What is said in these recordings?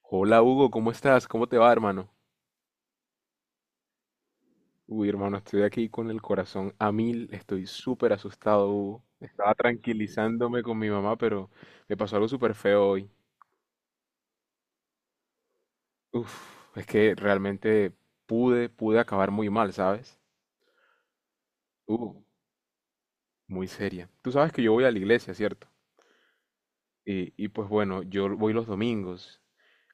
Hola Hugo, ¿cómo estás? ¿Cómo te va, hermano? Uy, hermano, estoy aquí con el corazón a mil, estoy súper asustado, Hugo. Estaba tranquilizándome con mi mamá, pero me pasó algo súper feo hoy. Uf, es que realmente pude acabar muy mal, ¿sabes? Uh, Muy seria. Tú sabes que yo voy a la iglesia, ¿cierto? Y pues bueno, yo voy los domingos.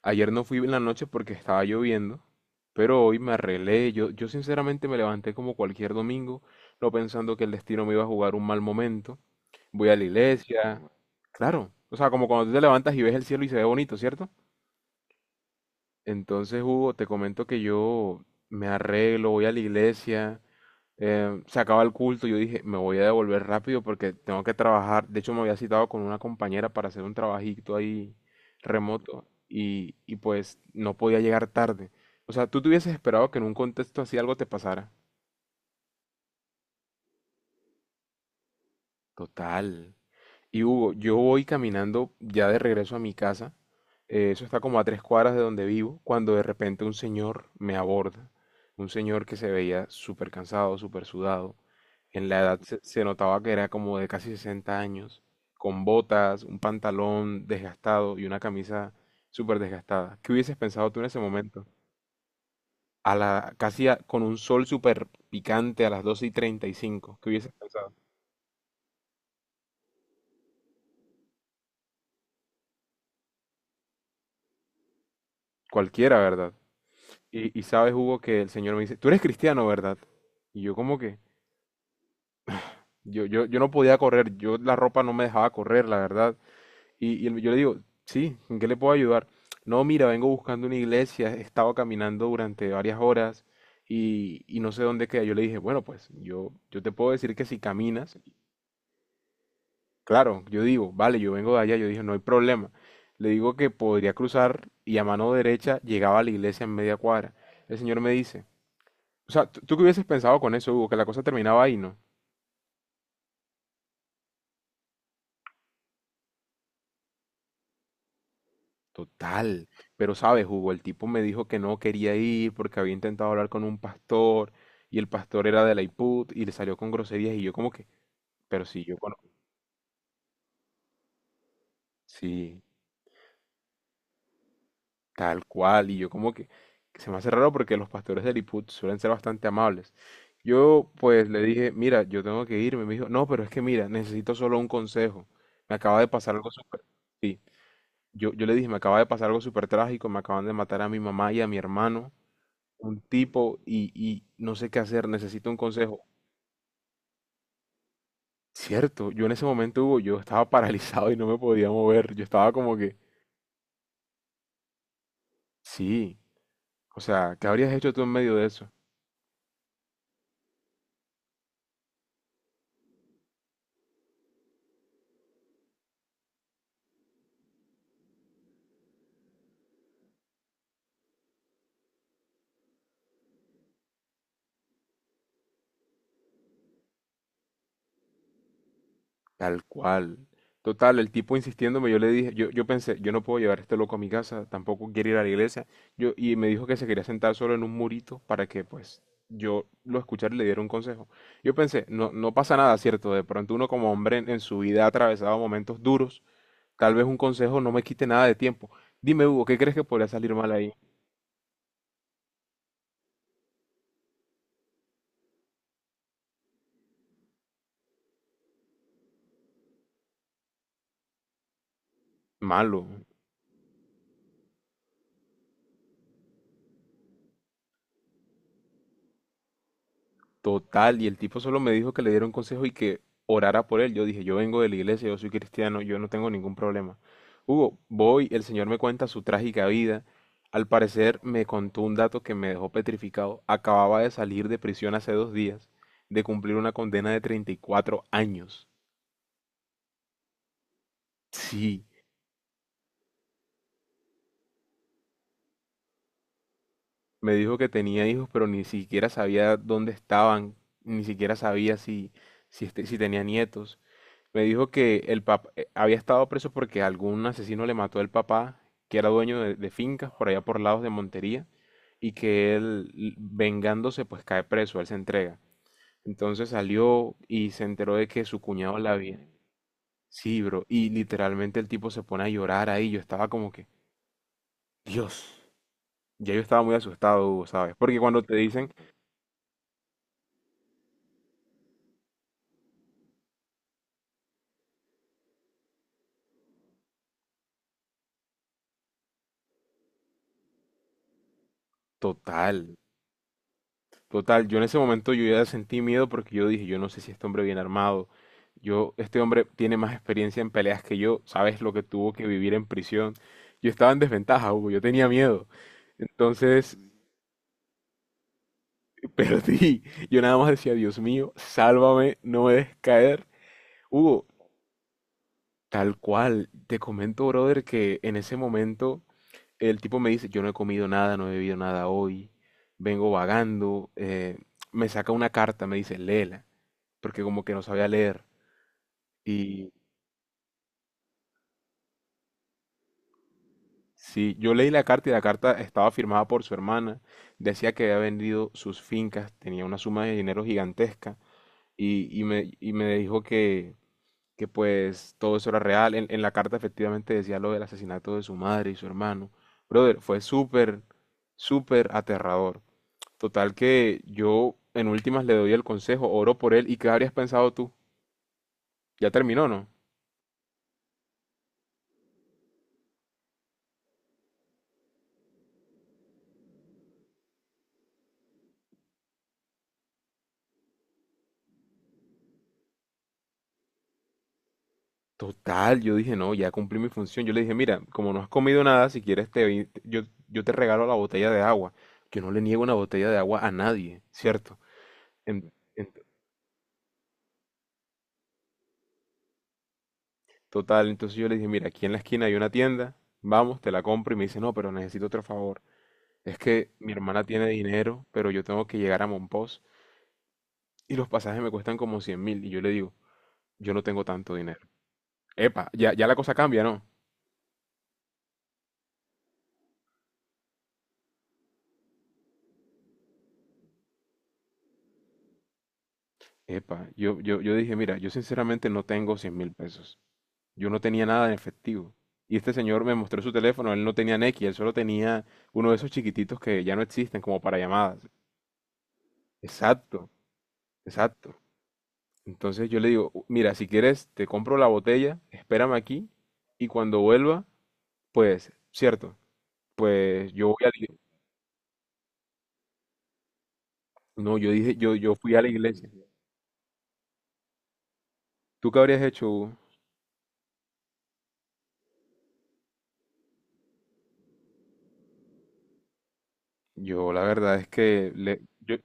Ayer no fui en la noche porque estaba lloviendo, pero hoy me arreglé. Yo sinceramente me levanté como cualquier domingo, no pensando que el destino me iba a jugar un mal momento. Voy a la iglesia. Claro, o sea, como cuando tú te levantas y ves el cielo y se ve bonito, ¿cierto? Entonces, Hugo, te comento que yo me arreglo, voy a la iglesia, se acaba el culto, yo dije, me voy a devolver rápido porque tengo que trabajar. De hecho, me había citado con una compañera para hacer un trabajito ahí remoto y pues no podía llegar tarde. O sea, tú te hubieses esperado que en un contexto así algo te pasara. Total. Y Hugo, yo voy caminando ya de regreso a mi casa. Eso está como a 3 cuadras de donde vivo, cuando de repente un señor me aborda. Un señor que se veía súper cansado, súper sudado. En la edad se notaba que era como de casi 60 años, con botas, un pantalón desgastado y una camisa súper desgastada. ¿Qué hubieses pensado tú en ese momento? A la, casi a- con un sol súper picante a las 12:35. ¿Qué hubieses pensado? Cualquiera, ¿verdad? Y sabes, Hugo, que el Señor me dice, tú eres cristiano, ¿verdad? Y yo como que, yo no podía correr, yo la ropa no me dejaba correr, la verdad. Yo le digo, sí, ¿en qué le puedo ayudar? No, mira, vengo buscando una iglesia, he estado caminando durante varias horas y no sé dónde queda. Yo le dije, bueno, pues yo te puedo decir que si caminas, claro, yo digo, vale, yo vengo de allá, yo dije, no hay problema. Le digo que podría cruzar y a mano derecha llegaba a la iglesia en media cuadra. El señor me dice, o sea, ¿tú qué hubieses pensado con eso, Hugo? Que la cosa terminaba ahí, ¿no? Total, pero sabes, Hugo, el tipo me dijo que no quería ir porque había intentado hablar con un pastor y el pastor era de la IPUT y le salió con groserías y yo como que, pero si yo conozco, sí, tal cual, y yo como que se me hace raro porque los pastores del IPUT suelen ser bastante amables. Yo pues le dije, mira, yo tengo que irme, me dijo, no, pero es que mira, necesito solo un consejo, me acaba de pasar algo súper, sí, yo le dije, me acaba de pasar algo súper trágico, me acaban de matar a mi mamá y a mi hermano. Un tipo y no sé qué hacer, necesito un consejo. Cierto, yo en ese momento, Hugo, yo estaba paralizado y no me podía mover. Yo estaba como que, sí, o sea, ¿qué habrías hecho tú en medio de eso? Tal cual. Total, el tipo insistiéndome, yo le dije, yo pensé, yo no puedo llevar a este loco a mi casa, tampoco quiere ir a la iglesia. Yo, y me dijo que se quería sentar solo en un murito para que, pues, yo lo escuchara y le diera un consejo. Yo pensé, no, no pasa nada, ¿cierto? De pronto uno como hombre en su vida ha atravesado momentos duros. Tal vez un consejo no me quite nada de tiempo. Dime, Hugo, ¿qué crees que podría salir mal ahí? Malo, total. Y el tipo solo me dijo que le diera un consejo y que orara por él. Yo dije, yo vengo de la iglesia, yo soy cristiano, yo no tengo ningún problema. Hugo, voy, el Señor me cuenta su trágica vida. Al parecer me contó un dato que me dejó petrificado. Acababa de salir de prisión hace 2 días, de cumplir una condena de 34 años. Sí, me dijo que tenía hijos, pero ni siquiera sabía dónde estaban, ni siquiera sabía si, si tenía nietos. Me dijo que el papá había estado preso porque algún asesino le mató al papá, que era dueño de fincas por allá por lados de Montería, y que él, vengándose, pues cae preso, él se entrega. Entonces salió y se enteró de que su cuñado la había. Sí, bro, y literalmente el tipo se pone a llorar ahí. Yo estaba como que, Dios, ya yo estaba muy asustado, Hugo, ¿sabes? Porque cuando te dicen, Total, total. Yo en ese momento yo ya sentí miedo porque yo dije, yo no sé si este hombre viene armado. Yo, este hombre tiene más experiencia en peleas que yo. Sabes lo que tuvo que vivir en prisión. Yo estaba en desventaja, Hugo. Yo tenía miedo. Entonces perdí. Yo nada más decía, Dios mío, sálvame, no me dejes caer. Hugo, tal cual. Te comento, brother, que en ese momento el tipo me dice, yo no he comido nada, no he bebido nada hoy. Vengo vagando. Me saca una carta, me dice, léela, porque como que no sabía leer. Y sí, yo leí la carta y la carta estaba firmada por su hermana. Decía que había vendido sus fincas, tenía una suma de dinero gigantesca y me dijo que, pues todo eso era real. En la carta efectivamente decía lo del asesinato de su madre y su hermano. Brother, fue súper, súper aterrador. Total que yo en últimas le doy el consejo, oro por él. ¿Y qué habrías pensado tú? Ya terminó, ¿no? Total, yo dije, no, ya cumplí mi función. Yo le dije, mira, como no has comido nada, si quieres yo te regalo la botella de agua. Yo no le niego una botella de agua a nadie, ¿cierto? En, en- total, entonces yo le dije, mira, aquí en la esquina hay una tienda, vamos, te la compro. Y me dice, no, pero necesito otro favor. Es que mi hermana tiene dinero, pero yo tengo que llegar a Monpós y los pasajes me cuestan como 100.000. Y yo le digo, yo no tengo tanto dinero. Epa, ya, ya la cosa cambia, ¿no? Epa, yo dije, mira, yo sinceramente no tengo 100.000 pesos. Yo no tenía nada en efectivo. Y este señor me mostró su teléfono, él no tenía Nequi, él solo tenía uno de esos chiquititos que ya no existen como para llamadas. Exacto, exacto. Entonces yo le digo, "Mira, si quieres te compro la botella, espérame aquí y cuando vuelva, pues, cierto, pues yo voy a la iglesia". No, yo dije, yo fui a la iglesia. ¿Tú qué habrías hecho, Hugo? Yo la verdad es que le, yo,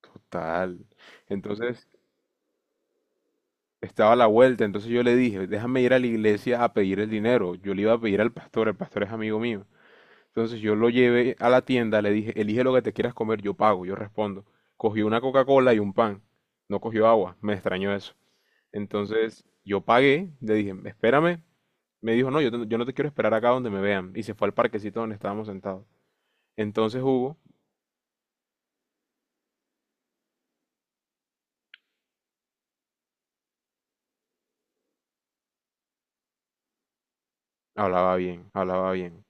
total. Entonces, estaba a la vuelta, entonces yo le dije, déjame ir a la iglesia a pedir el dinero. Yo le iba a pedir al pastor, el pastor es amigo mío. Entonces yo lo llevé a la tienda, le dije, elige lo que te quieras comer, yo pago, yo respondo. Cogió una Coca-Cola y un pan, no cogió agua, me extrañó eso. Entonces yo pagué, le dije, espérame. Me dijo, no, yo, yo no te quiero esperar acá donde me vean. Y se fue al parquecito donde estábamos sentados. Entonces Hugo hablaba bien, hablaba bien.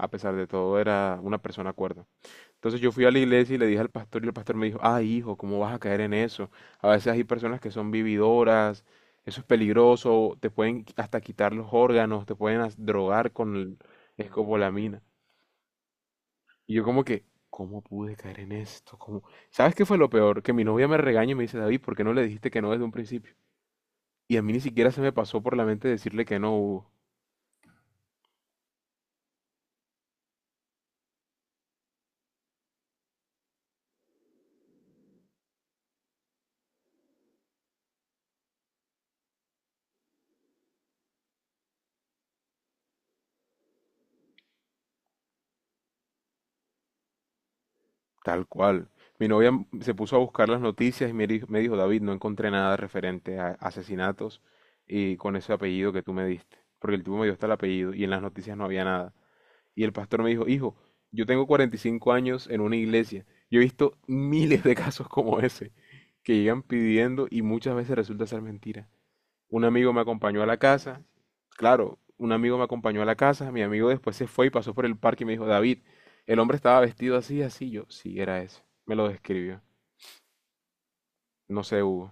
A pesar de todo, era una persona cuerda. Entonces yo fui a la iglesia y le dije al pastor y el pastor me dijo, ah, hijo, ¿cómo vas a caer en eso? A veces hay personas que son vividoras, eso es peligroso, te pueden hasta quitar los órganos, te pueden drogar con escopolamina. Y yo como que, ¿cómo pude caer en esto? ¿Cómo? ¿Sabes qué fue lo peor? Que mi novia me regaña y me dice, David, ¿por qué no le dijiste que no desde un principio? Y a mí ni siquiera se me pasó por la mente decirle que no, Hugo. Tal cual. Mi novia se puso a buscar las noticias y me dijo, David, no encontré nada referente a asesinatos y con ese apellido que tú me diste. Porque el tipo me dio hasta el apellido y en las noticias no había nada. Y el pastor me dijo, hijo, yo tengo 45 años en una iglesia. Yo he visto miles de casos como ese que llegan pidiendo y muchas veces resulta ser mentira. Un amigo me acompañó a la casa. Claro, un amigo me acompañó a la casa. Mi amigo después se fue y pasó por el parque y me dijo, David, el hombre estaba vestido así, así. Yo, sí, era ese. Me lo describió. No sé, Hugo.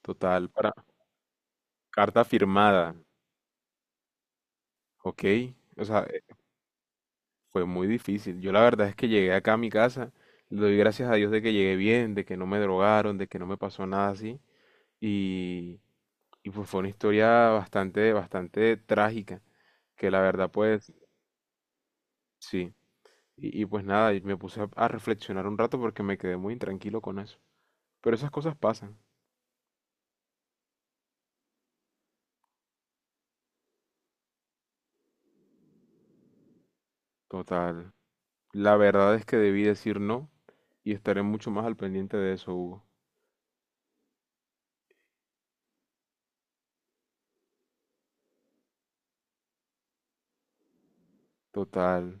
Total, para carta firmada, ¿ok? O sea, fue muy difícil. Yo la verdad es que llegué acá a mi casa. Le doy gracias a Dios de que llegué bien, de que no me drogaron, de que no me pasó nada así. Y, y pues fue una historia bastante, bastante trágica, que la verdad pues sí. Y pues nada, y me puse a reflexionar un rato porque me quedé muy intranquilo con eso. Pero esas cosas pasan. Total. La verdad es que debí decir no y estaré mucho más al pendiente de eso, Hugo. Total.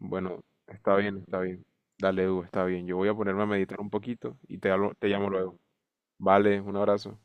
Bueno, está bien, está bien. Dale, Hugo, está bien. Yo voy a ponerme a meditar un poquito y te llamo luego. Vale, un abrazo.